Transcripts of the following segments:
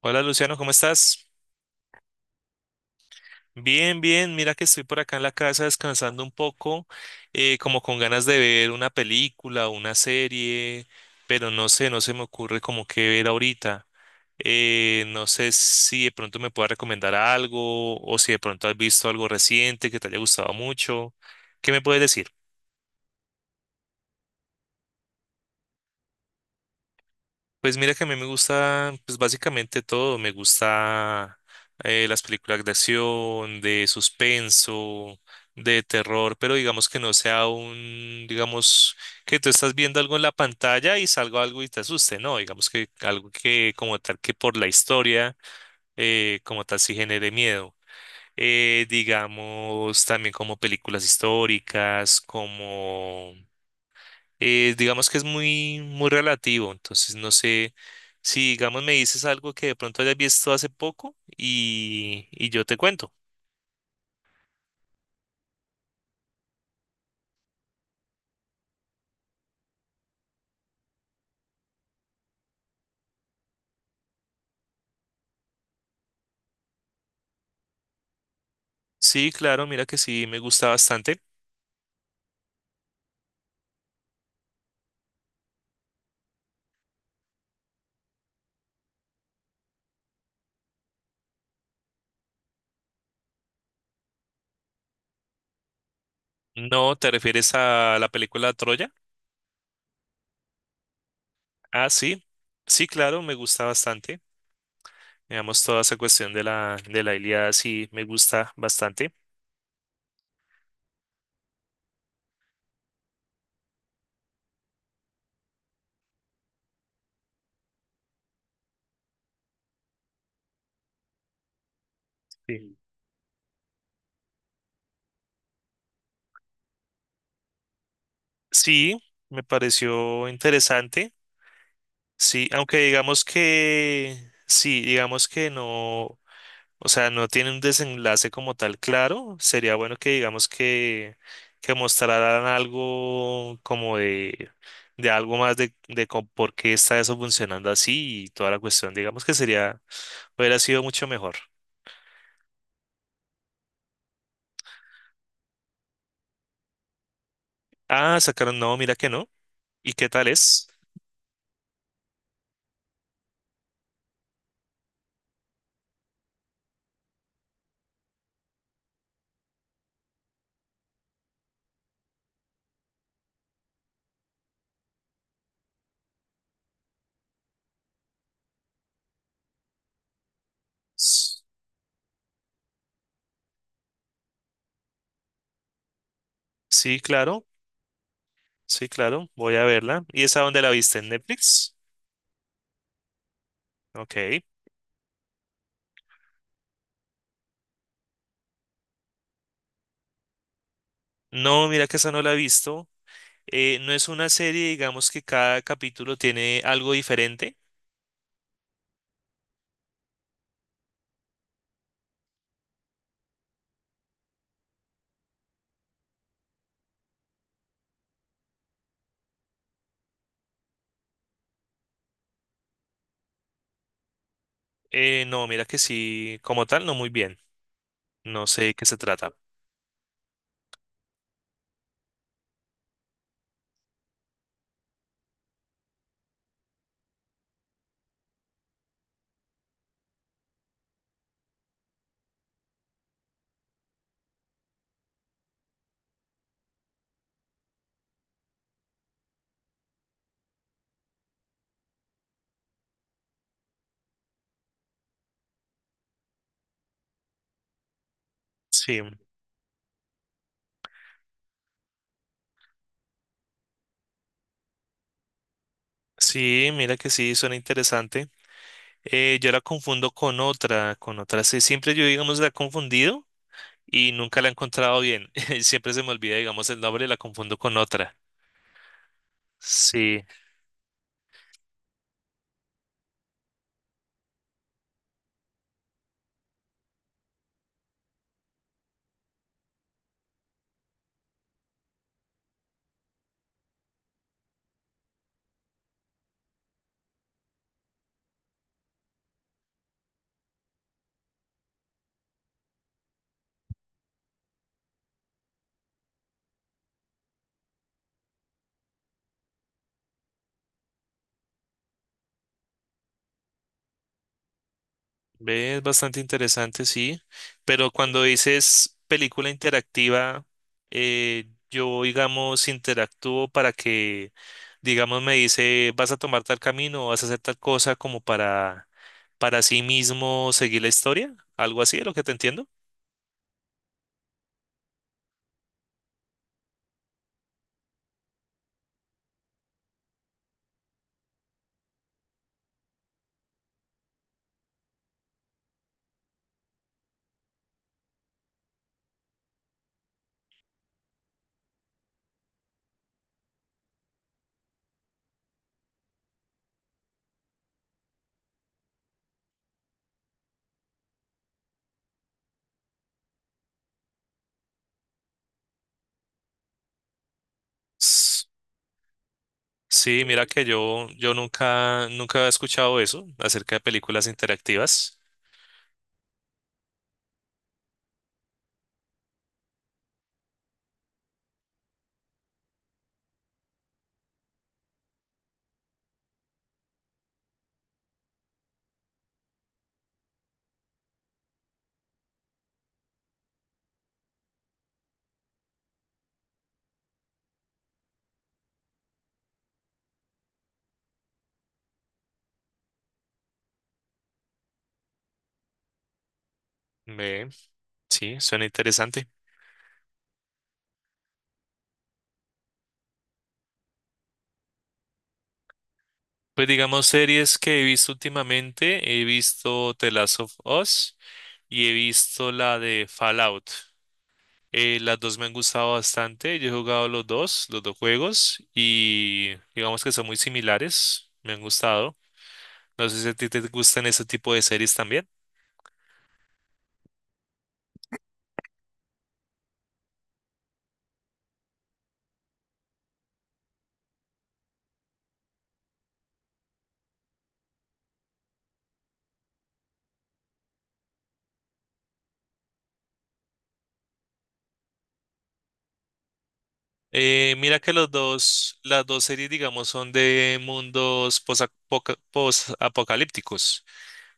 Hola Luciano, ¿cómo estás? Bien, bien, mira que estoy por acá en la casa descansando un poco, como con ganas de ver una película o una serie, pero no sé, no se me ocurre como qué ver ahorita. No sé si de pronto me puedas recomendar algo o si de pronto has visto algo reciente que te haya gustado mucho. ¿Qué me puedes decir? Pues mira que a mí me gusta, pues básicamente todo. Me gusta las películas de acción, de suspenso, de terror, pero digamos que no sea un, digamos, que tú estás viendo algo en la pantalla y salga algo y te asuste, ¿no? Digamos que algo que como tal que por la historia, como tal sí genere miedo. Digamos también como películas históricas, como digamos que es muy, muy relativo, entonces no sé si, digamos, me dices algo que de pronto hayas visto hace poco y yo te cuento. Sí, claro, mira que sí, me gusta bastante. No, ¿te refieres a la película Troya? Ah, sí, sí, claro, me gusta bastante. Digamos, toda esa cuestión de la Ilíada sí me gusta bastante. Sí. Sí, me pareció interesante. Sí, aunque digamos que, sí, digamos que no. O sea, no tiene un desenlace como tal claro. Sería bueno que digamos que mostraran algo como de algo más de, por qué está eso funcionando así y toda la cuestión. Digamos que sería, hubiera sido mucho mejor. Ah, sacaron, no, mira que no. ¿Y qué tal es? S- Sí, claro, sí, claro, voy a verla. ¿Y esa dónde la viste? ¿En Netflix? Ok. No, mira que esa no la he visto. No es una serie, digamos que cada capítulo tiene algo diferente. No, mira que sí, como tal, no muy bien. No sé de qué se trata. Sí, sí, mira que sí, suena interesante. Yo la confundo con otra, con otra. Sí, siempre yo, digamos, la he confundido y nunca la he encontrado bien. Siempre se me olvida, digamos, el nombre y la confundo con otra. Sí. Ve, es bastante interesante, sí. Pero cuando dices película interactiva, yo, digamos, interactúo para que, digamos, me dice, vas a tomar tal camino o vas a hacer tal cosa como para sí mismo seguir la historia. Algo así, es lo que te entiendo. S- Sí, mira que yo, yo nunca he escuchado eso acerca de películas interactivas. Ve, sí, suena interesante. Pues digamos series que he visto últimamente, he visto The Last of Us y he visto la de Fallout. Las dos me han gustado bastante, yo he jugado los dos juegos y digamos que son muy similares, me han gustado. No sé si a ti te gustan ese tipo de series también. Mira que los dos, las dos series digamos son de mundos posapocalípticos.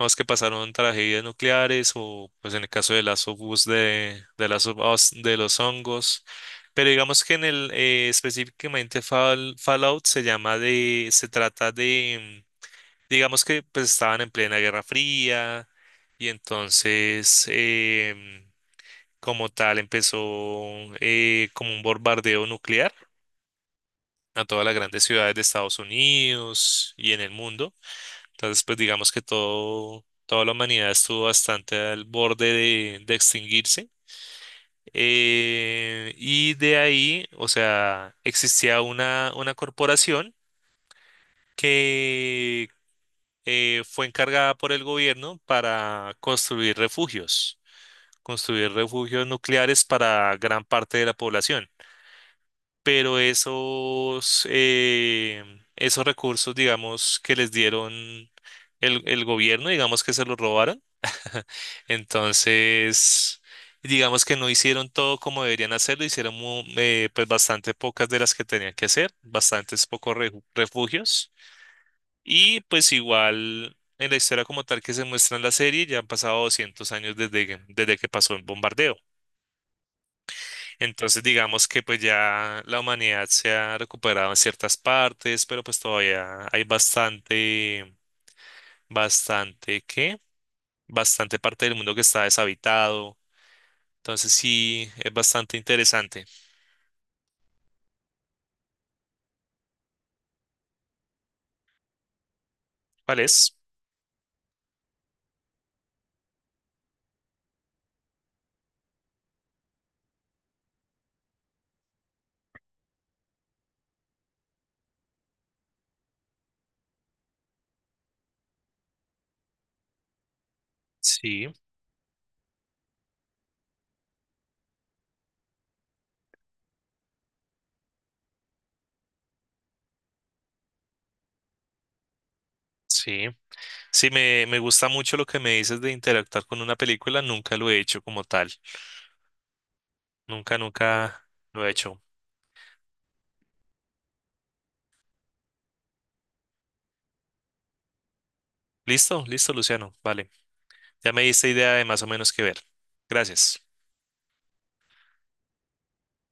Los que pasaron tragedias nucleares o pues en el caso de las of Us de Last of Us, de los hongos. Pero digamos que en el específicamente Fallout se llama de, se trata de, digamos que pues estaban en plena Guerra Fría y entonces como tal empezó como un bombardeo nuclear a todas las grandes ciudades de Estados Unidos y en el mundo. Entonces, pues digamos que todo, toda la humanidad estuvo bastante al borde de extinguirse. Y de ahí, o sea, existía una corporación que fue encargada por el gobierno para construir refugios nucleares para gran parte de la población. Pero esos, esos recursos, digamos, que les dieron el gobierno, digamos que se los robaron. Entonces, digamos que no hicieron todo como deberían hacerlo, pues bastante pocas de las que tenían que hacer, refugios. Y pues igual en la historia como tal que se muestra en la serie, ya han pasado 200 años desde que pasó el bombardeo. Entonces, digamos que pues ya la humanidad se ha recuperado en ciertas partes, pero pues todavía hay bastante, bastante, ¿qué? Bastante parte del mundo que está deshabitado. Entonces sí, es bastante interesante. ¿Cuál es? Sí, sí. Sí, me gusta mucho lo que me dices de interactuar con una película. Nunca lo he hecho como tal. Nunca, nunca lo he hecho. Listo, listo, Luciano. Vale. Ya me diste idea de más o menos qué ver. Gracias.